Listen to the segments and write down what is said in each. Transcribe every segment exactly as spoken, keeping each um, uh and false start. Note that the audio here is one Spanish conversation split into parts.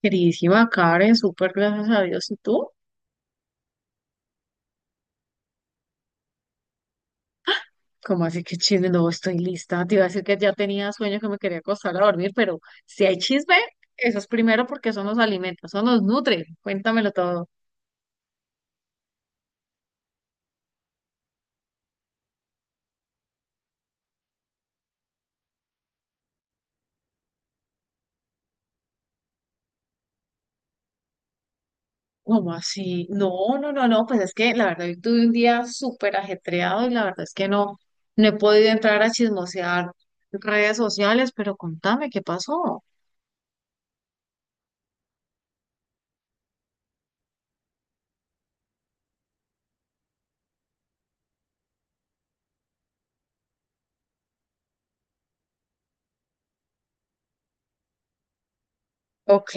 Queridísima Karen, súper gracias a Dios. ¿Y tú? ¿Cómo así que chisme? No, estoy lista. Te iba a decir que ya tenía sueño que me quería acostar a dormir, pero si hay chisme, eso es primero porque eso nos alimenta, eso nos nutre. Cuéntamelo todo. ¿Cómo así? No, no, no, no. Pues es que la verdad, hoy tuve un día súper ajetreado y la verdad es que no, no he podido entrar a chismosear redes sociales, pero contame qué pasó. Ok.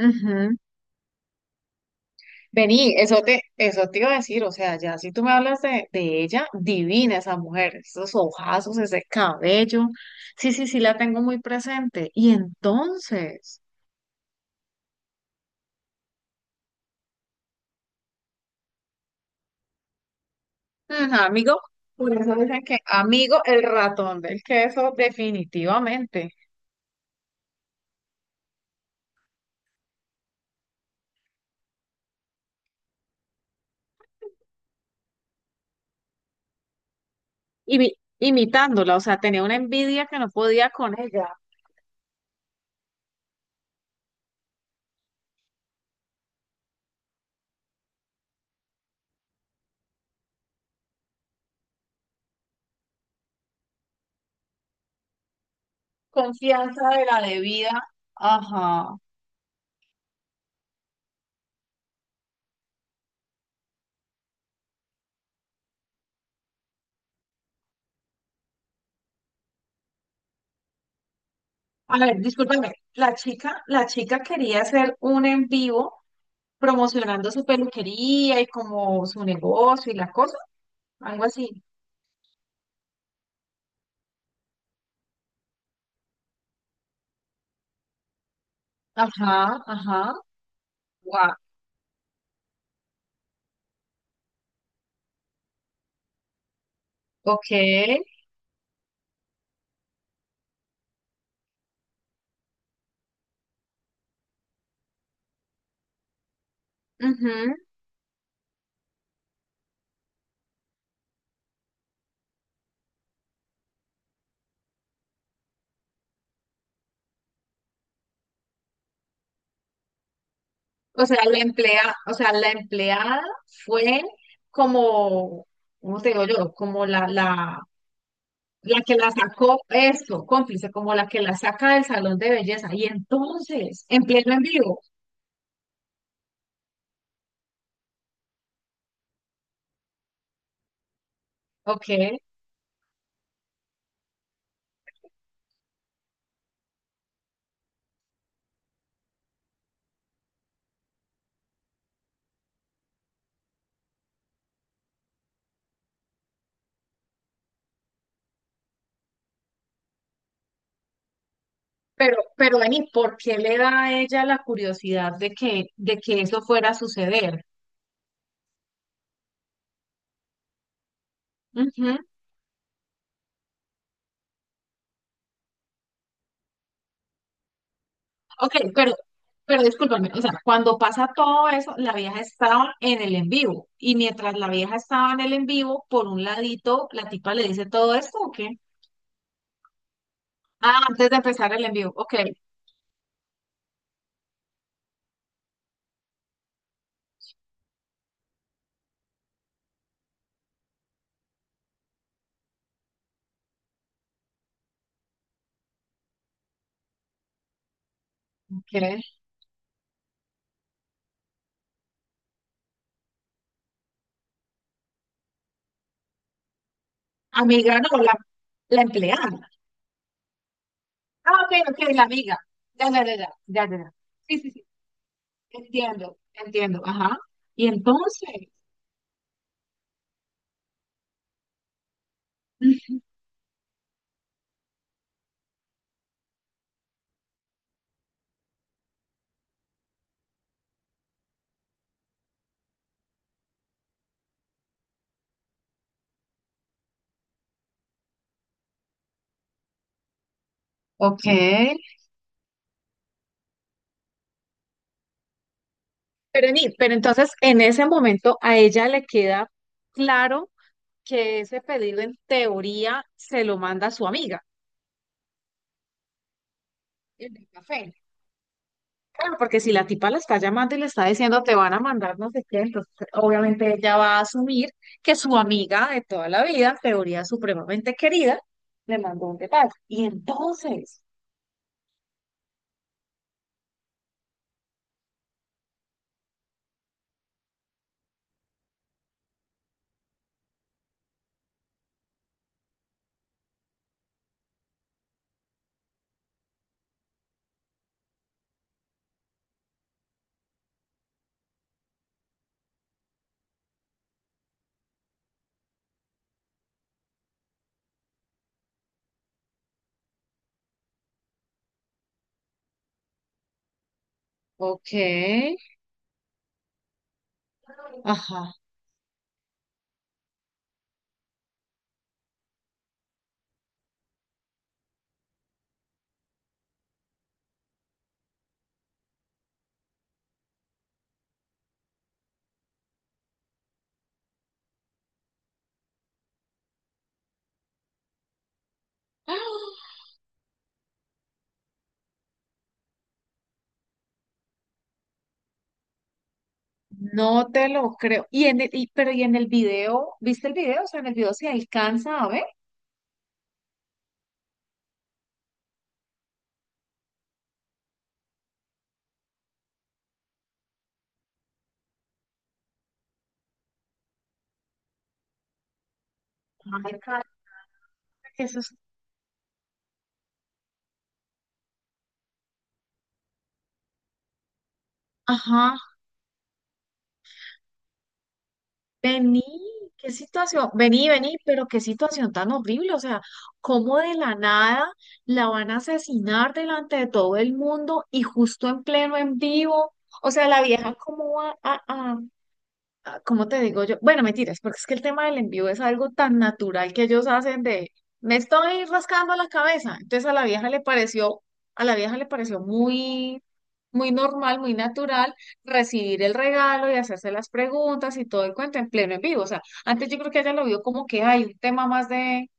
Ujú. Vení, eso te, eso te iba a decir, o sea, ya si tú me hablas de, de ella, divina esa mujer, esos ojazos, ese cabello, sí, sí, sí la tengo muy presente. Y entonces, mm, amigo, por eso dicen que amigo el ratón del queso, definitivamente, Y vi imitándola, o sea, tenía una envidia que no podía con ella, confianza de la debida, ajá. A ver, discúlpame, la chica, la chica quería hacer un en vivo promocionando su peluquería y como su negocio y la cosa, algo así. Ajá, ajá, guau ok, ujú. O sea, la emplea, o sea, la empleada fue como, ¿cómo te digo yo? Como la, la, la que la sacó, esto, cómplice, como la que la saca del salón de belleza. Y entonces, en pleno en vivo, ok, pero, pero vení, ¿por qué le da a ella la curiosidad de que, de que eso fuera a suceder? Ujú. Ok, pero, pero discúlpame, o sea, cuando pasa todo eso, la vieja estaba en el en vivo. Y mientras la vieja estaba en el en vivo, por un ladito, la tipa le dice todo esto, ¿o qué? Ah, antes de empezar el en vivo, ok, ok. Amiga, no, la, la empleada. Ah, ok, ok, la amiga. Ya, ya, ya, ya, ya, ya. ya. Sí, sí, sí, entiendo, entiendo, ajá. Y entonces, mm, ok. Pero, ni- pero entonces, en ese momento, a ella le queda claro. Que ese pedido en teoría se lo manda a su amiga, el del café. Claro, porque si la tipa la está llamando y le está diciendo te van a mandar no sé qué, entonces obviamente ella va a asumir que su amiga de toda la vida, en teoría supremamente querida, le mandó un detalle. Y entonces, ok, ajá. ¡Ah! No te lo creo. Y en el, y- pero y en el video, ¿viste el video? O sea, en el video se alcanza a ver. Ay, caramba, que eso es- Ajá. Vení, qué situación, vení, vení, pero qué situación tan horrible, o sea, cómo de la nada la van a asesinar delante de todo el mundo y justo en pleno en vivo, o sea, la vieja cómo va a, a, ah, ¿cómo te digo yo? Bueno, mentiras, porque es que el tema del envío es algo tan natural que ellos hacen de, me estoy rascando la cabeza. Entonces a la vieja le pareció, a la vieja le pareció muy, muy normal, muy natural recibir el regalo y hacerse las preguntas y todo el cuento en pleno en vivo. O sea, antes yo creo que ella lo vio como que hay un tema más de,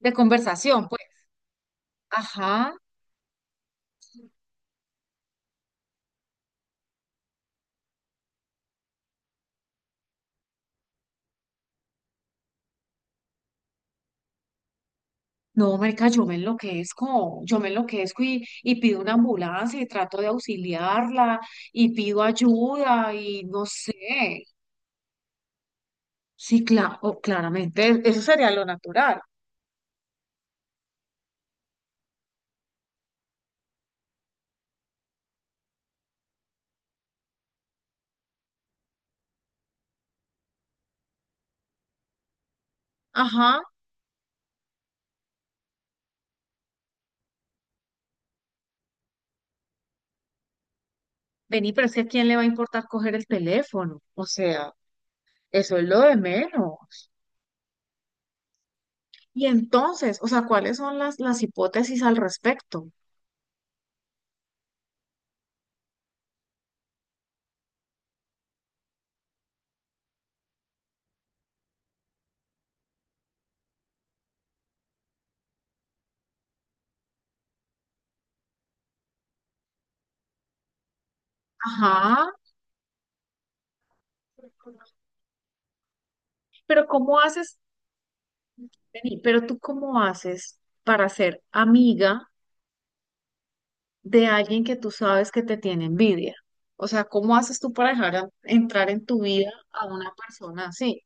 de conversación, pues. Ajá. No, marica, yo me enloquezco, yo me enloquezco y, y pido una ambulancia y trato de auxiliarla y pido ayuda y no sé. Sí, claro, claramente, eso sería lo natural. Ajá, vení, pero es que ¿a quién le va a importar coger el teléfono? O sea, eso es lo de menos. Y entonces, o sea, ¿cuáles son las, las hipótesis al respecto? Ajá, pero ¿cómo haces? Vení, pero tú ¿cómo haces para ser amiga? De alguien que tú sabes que te tiene envidia. O sea, ¿cómo haces tú para dejar a- entrar en tu vida a una persona así?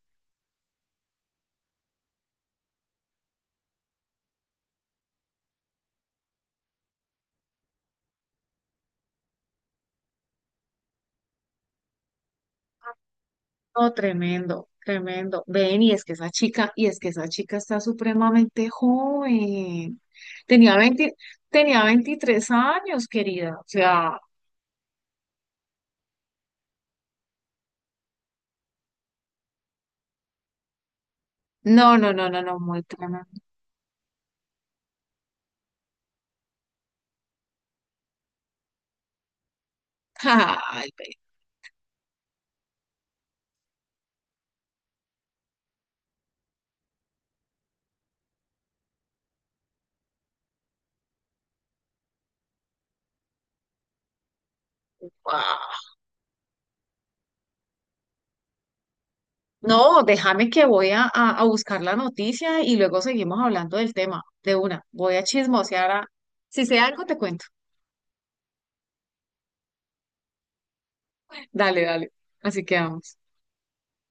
No, tremendo, tremendo. Ven, y es que esa chica, y es que esa chica está supremamente joven. Tenía veinte Tenía veintitrés años, querida. O sea, no, no, no, no, no, muy tremendo. Ay, ve, guau. No, déjame que voy a, a a buscar la noticia y luego seguimos hablando del tema. De una, voy a chismosear a... Si sé algo, te cuento. Dale, dale. Así que vamos.